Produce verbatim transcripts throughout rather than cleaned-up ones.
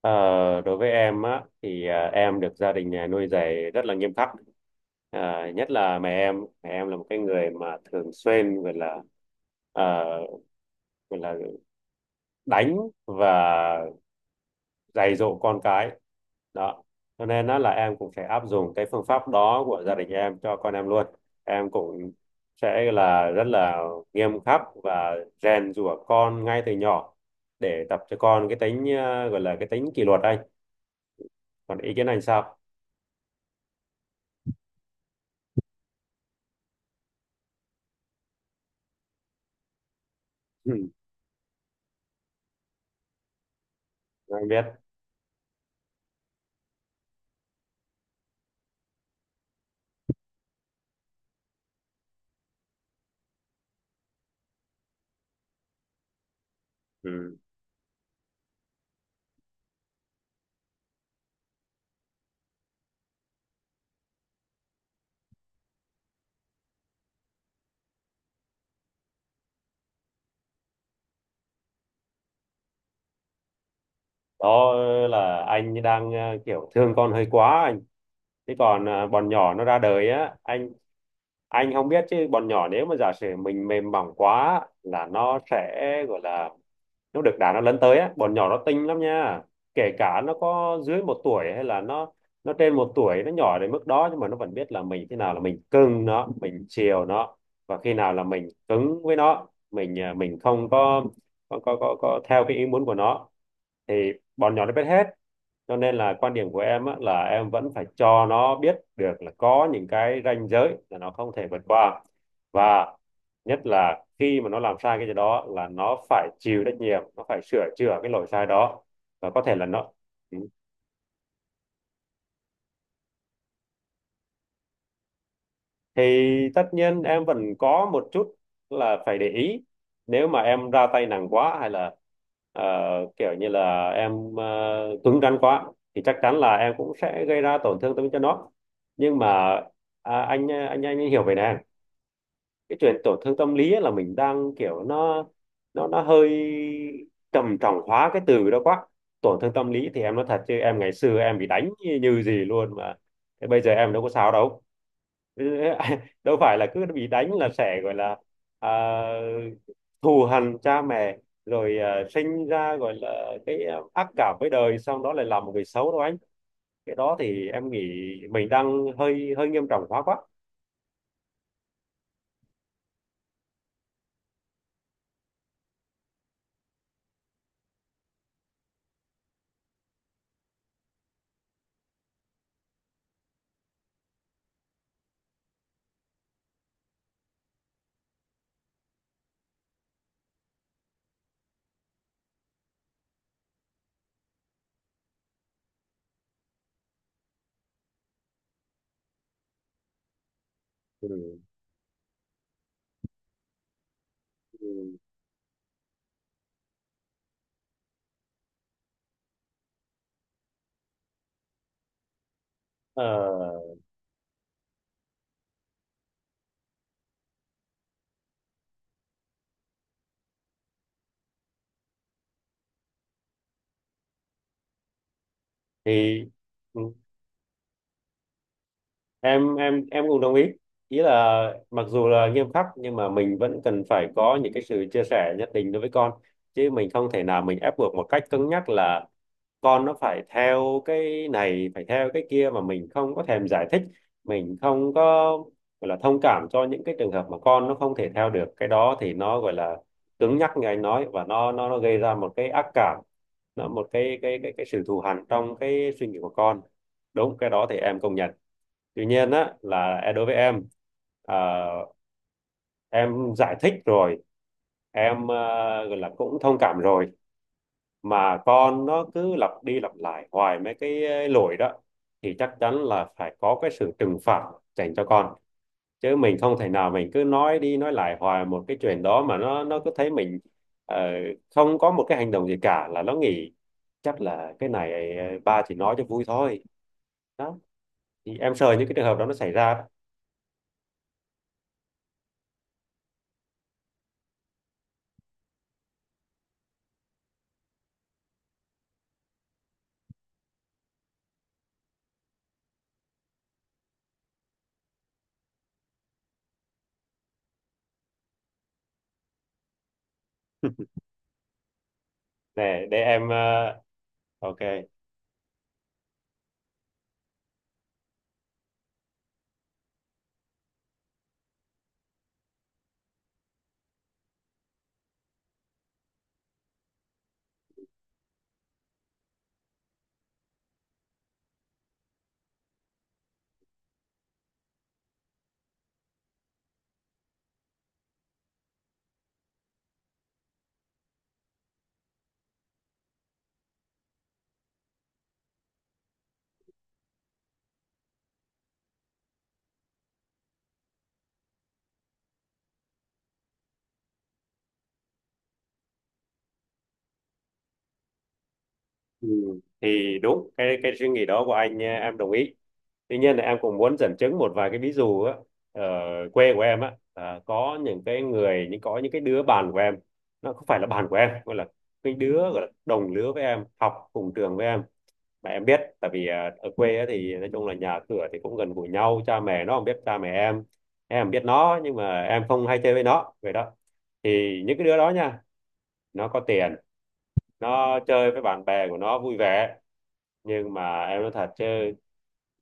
Ờ, Đối với em á thì à, em được gia đình nhà nuôi dạy rất là nghiêm khắc. À, nhất là mẹ em mẹ em là một cái người mà thường xuyên gọi là à, gọi là đánh và dạy dỗ con cái đó, cho nên đó là em cũng sẽ áp dụng cái phương pháp đó của gia đình em cho con em luôn. Em cũng sẽ là rất là nghiêm khắc và rèn giũa con ngay từ nhỏ, để tập cho con cái tính à, gọi là cái tính kỷ luật anh. Còn ý kiến anh sao? Ừ, anh biết. Ừ. Đó là anh đang ờ, kiểu thương con hơi quá anh. Thế còn ờ, bọn nhỏ nó ra đời á anh anh không biết chứ bọn nhỏ nếu mà giả sử mình mềm mỏng quá là nó sẽ gọi là nó được đá nó lớn tới á, bọn nhỏ nó tinh lắm nha. Kể cả nó có dưới một tuổi hay là nó nó trên một tuổi, nó nhỏ đến mức đó nhưng mà nó vẫn biết là mình, khi nào là mình cưng nó, mình chiều nó, và khi nào là mình cứng với nó, mình à, mình không có có có có, có theo cái ý muốn của nó, thì bọn nhỏ nó biết hết. Cho nên là quan điểm của em á, là em vẫn phải cho nó biết được là có những cái ranh giới là nó không thể vượt qua. Và nhất là khi mà nó làm sai cái gì đó là nó phải chịu trách nhiệm, nó phải sửa chữa cái lỗi sai đó, và có thể là nó... Ừ. Thì tất nhiên em vẫn có một chút là phải để ý, nếu mà em ra tay nặng quá hay là ờ, kiểu như là em uh, cứng rắn quá, thì chắc chắn là em cũng sẽ gây ra tổn thương tâm cho nó. Nhưng mà à, anh anh anh hiểu về nè, cái chuyện tổn thương tâm lý á là mình đang kiểu nó, nó nó hơi trầm trọng hóa cái từ đó quá. Tổn thương tâm lý thì em nói thật chứ em ngày xưa em bị đánh như, như gì luôn mà, thế bây giờ em đâu có sao đâu. Đâu phải là cứ bị đánh là sẽ gọi là à, thù hằn cha mẹ rồi à, sinh ra gọi là cái à, ác cảm với đời, xong đó lại làm một người xấu đâu anh. Cái đó thì em nghĩ mình đang hơi hơi nghiêm trọng hóa quá. Ừ. Ừ. Ờ, thì ừ, em em em cũng đồng ý. Ý là mặc dù là nghiêm khắc nhưng mà mình vẫn cần phải có những cái sự chia sẻ nhất định đối với con, chứ mình không thể nào mình ép buộc một cách cứng nhắc là con nó phải theo cái này, phải theo cái kia mà mình không có thèm giải thích, mình không có gọi là thông cảm cho những cái trường hợp mà con nó không thể theo được. Cái đó thì nó gọi là cứng nhắc như anh nói, và nó nó nó gây ra một cái ác cảm, nó một cái cái cái cái sự thù hằn trong cái suy nghĩ của con. Đúng, cái đó thì em công nhận. Tuy nhiên á là đối với em, à, em giải thích rồi, em ờ, gọi là cũng thông cảm rồi mà con nó cứ lặp đi lặp lại hoài mấy cái ờ, lỗi đó, thì chắc chắn là phải có cái sự trừng phạt dành cho con. Chứ mình không thể nào mình cứ nói đi nói lại hoài một cái chuyện đó mà nó nó cứ thấy mình ờ, không có một cái hành động gì cả, là nó nghĩ chắc là cái này ờ, ba chỉ nói cho vui thôi. Đó thì em sợ những cái trường hợp đó nó xảy ra đó. để để em ờ, ok. Ừ. Thì đúng, cái cái suy nghĩ đó của anh, eh, em đồng ý. Tuy nhiên là em cũng muốn dẫn chứng một vài cái ví dụ á. Ở quê của em á, à, có những cái người, những có những cái đứa bạn của em, nó không phải là bạn của em, gọi là cái đứa gọi là đồng lứa với em, học cùng trường với em, mà em biết tại vì à, ở quê á, thì nói chung là nhà cửa thì cũng gần gũi nhau, cha mẹ nó không biết cha mẹ em em biết nó nhưng mà em không hay chơi với nó vậy đó. Thì những cái đứa đó nha, nó có tiền, nó chơi với bạn bè của nó vui vẻ, nhưng mà em nói thật chứ,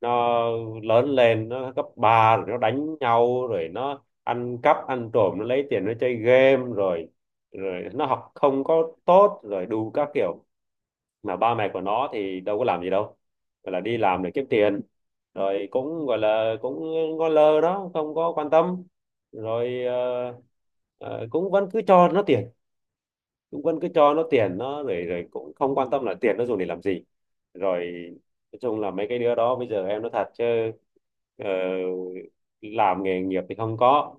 nó lớn lên nó cấp ba rồi nó đánh nhau, rồi nó ăn cắp ăn trộm, nó lấy tiền nó chơi game rồi, rồi nó học không có tốt, rồi đủ các kiểu. Mà ba mẹ của nó thì đâu có làm gì đâu, gọi là đi làm để kiếm tiền, rồi cũng gọi là cũng ngó lơ đó, không có quan tâm. Rồi ờ, ờ, cũng vẫn cứ cho nó tiền, cũng vẫn cứ cho nó tiền nó, rồi rồi cũng không quan tâm là tiền nó dùng để làm gì. Rồi nói chung là mấy cái đứa đó bây giờ em nói thật chứ, ờ, làm nghề nghiệp thì không có,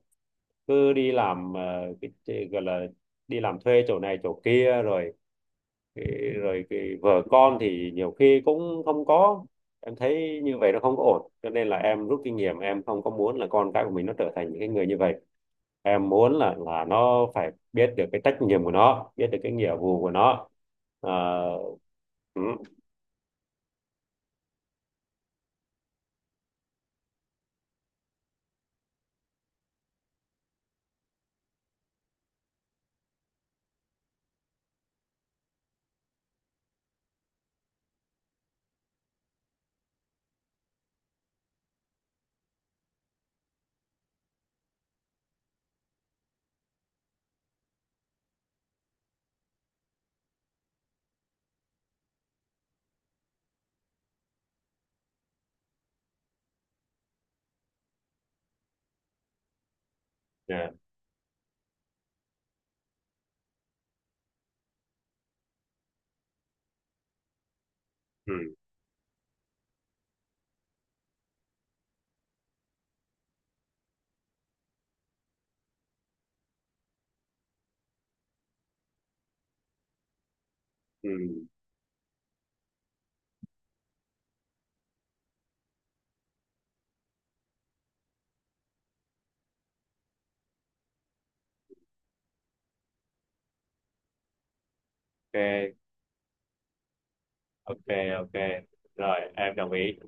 cứ đi làm ờ, cái, cái gọi là đi làm thuê chỗ này chỗ kia, rồi cái- rồi cái vợ con thì nhiều khi cũng không có. Em thấy như vậy nó không có ổn, cho nên là em rút kinh nghiệm, em không có muốn là con cái của mình nó trở thành những cái người như vậy. Em muốn là là nó phải biết được cái trách nhiệm của nó, biết được cái nghĩa vụ của nó. Ờ. Ừ. Dạ. Ừ. Ừ. Ok, ok, ok, rồi em đồng ý.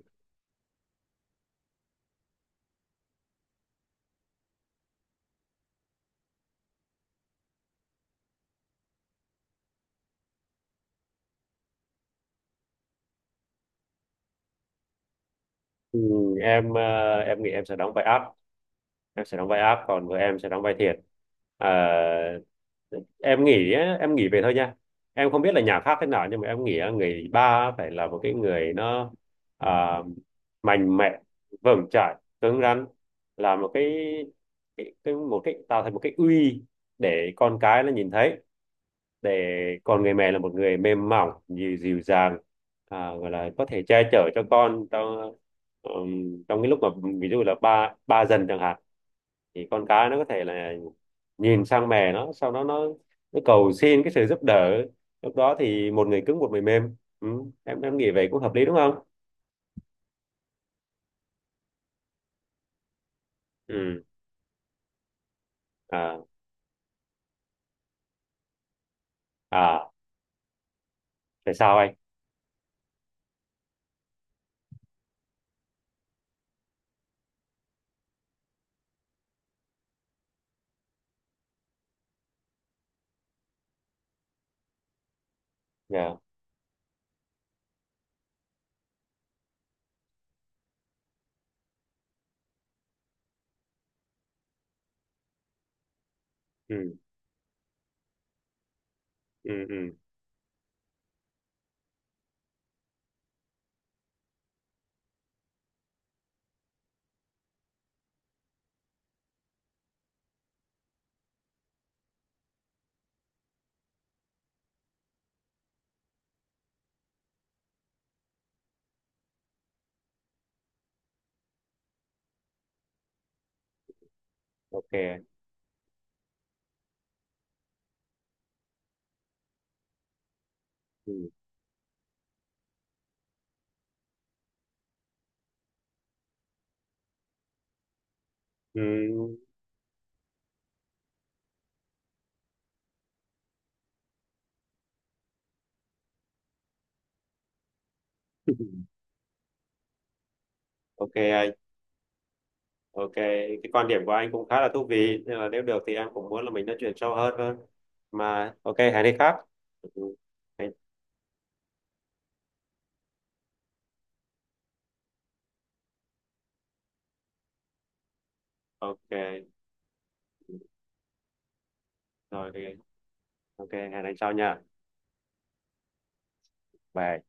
Ừ, em ờ, em nghĩ em sẽ đóng vai ác, em sẽ đóng vai áp, còn vợ em sẽ đóng vai thiệt. Ờ, em nghĩ á, em nghĩ về thôi nha, em không biết là nhà khác thế nào nhưng mà em nghĩ á, người ba phải là một cái người nó à, mạnh mẽ, vững chãi, cứng rắn, là một cái, cái, cái một cái tạo thành một cái uy, để con cái nó nhìn thấy. Để còn người mẹ là một người mềm mỏng, dịu, dịu dàng, à, gọi là có thể che chở cho con trong ừm, trong cái lúc mà, ví dụ là ba ba dần chẳng hạn, thì con cái nó có thể là nhìn sang mẹ, nó sau đó nó, nó cầu xin cái sự giúp đỡ. Lúc đó thì một người cứng, một người mềm. Ừ. em em nghĩ vậy cũng hợp lý đúng không? Ừ. À. À, tại sao anh? Dạ. Ừ. Ừ. Ừ. Ok. Ừ. Ừ. Ok anh. Ok, cái quan điểm của anh cũng khá là thú vị, nên là nếu được thì em cũng muốn là mình nói chuyện sâu hơn hơn. Mà ok, hẹn đi khác. Ừ. Ok, rồi ok, ok, hẹn anh sau nha. Bye.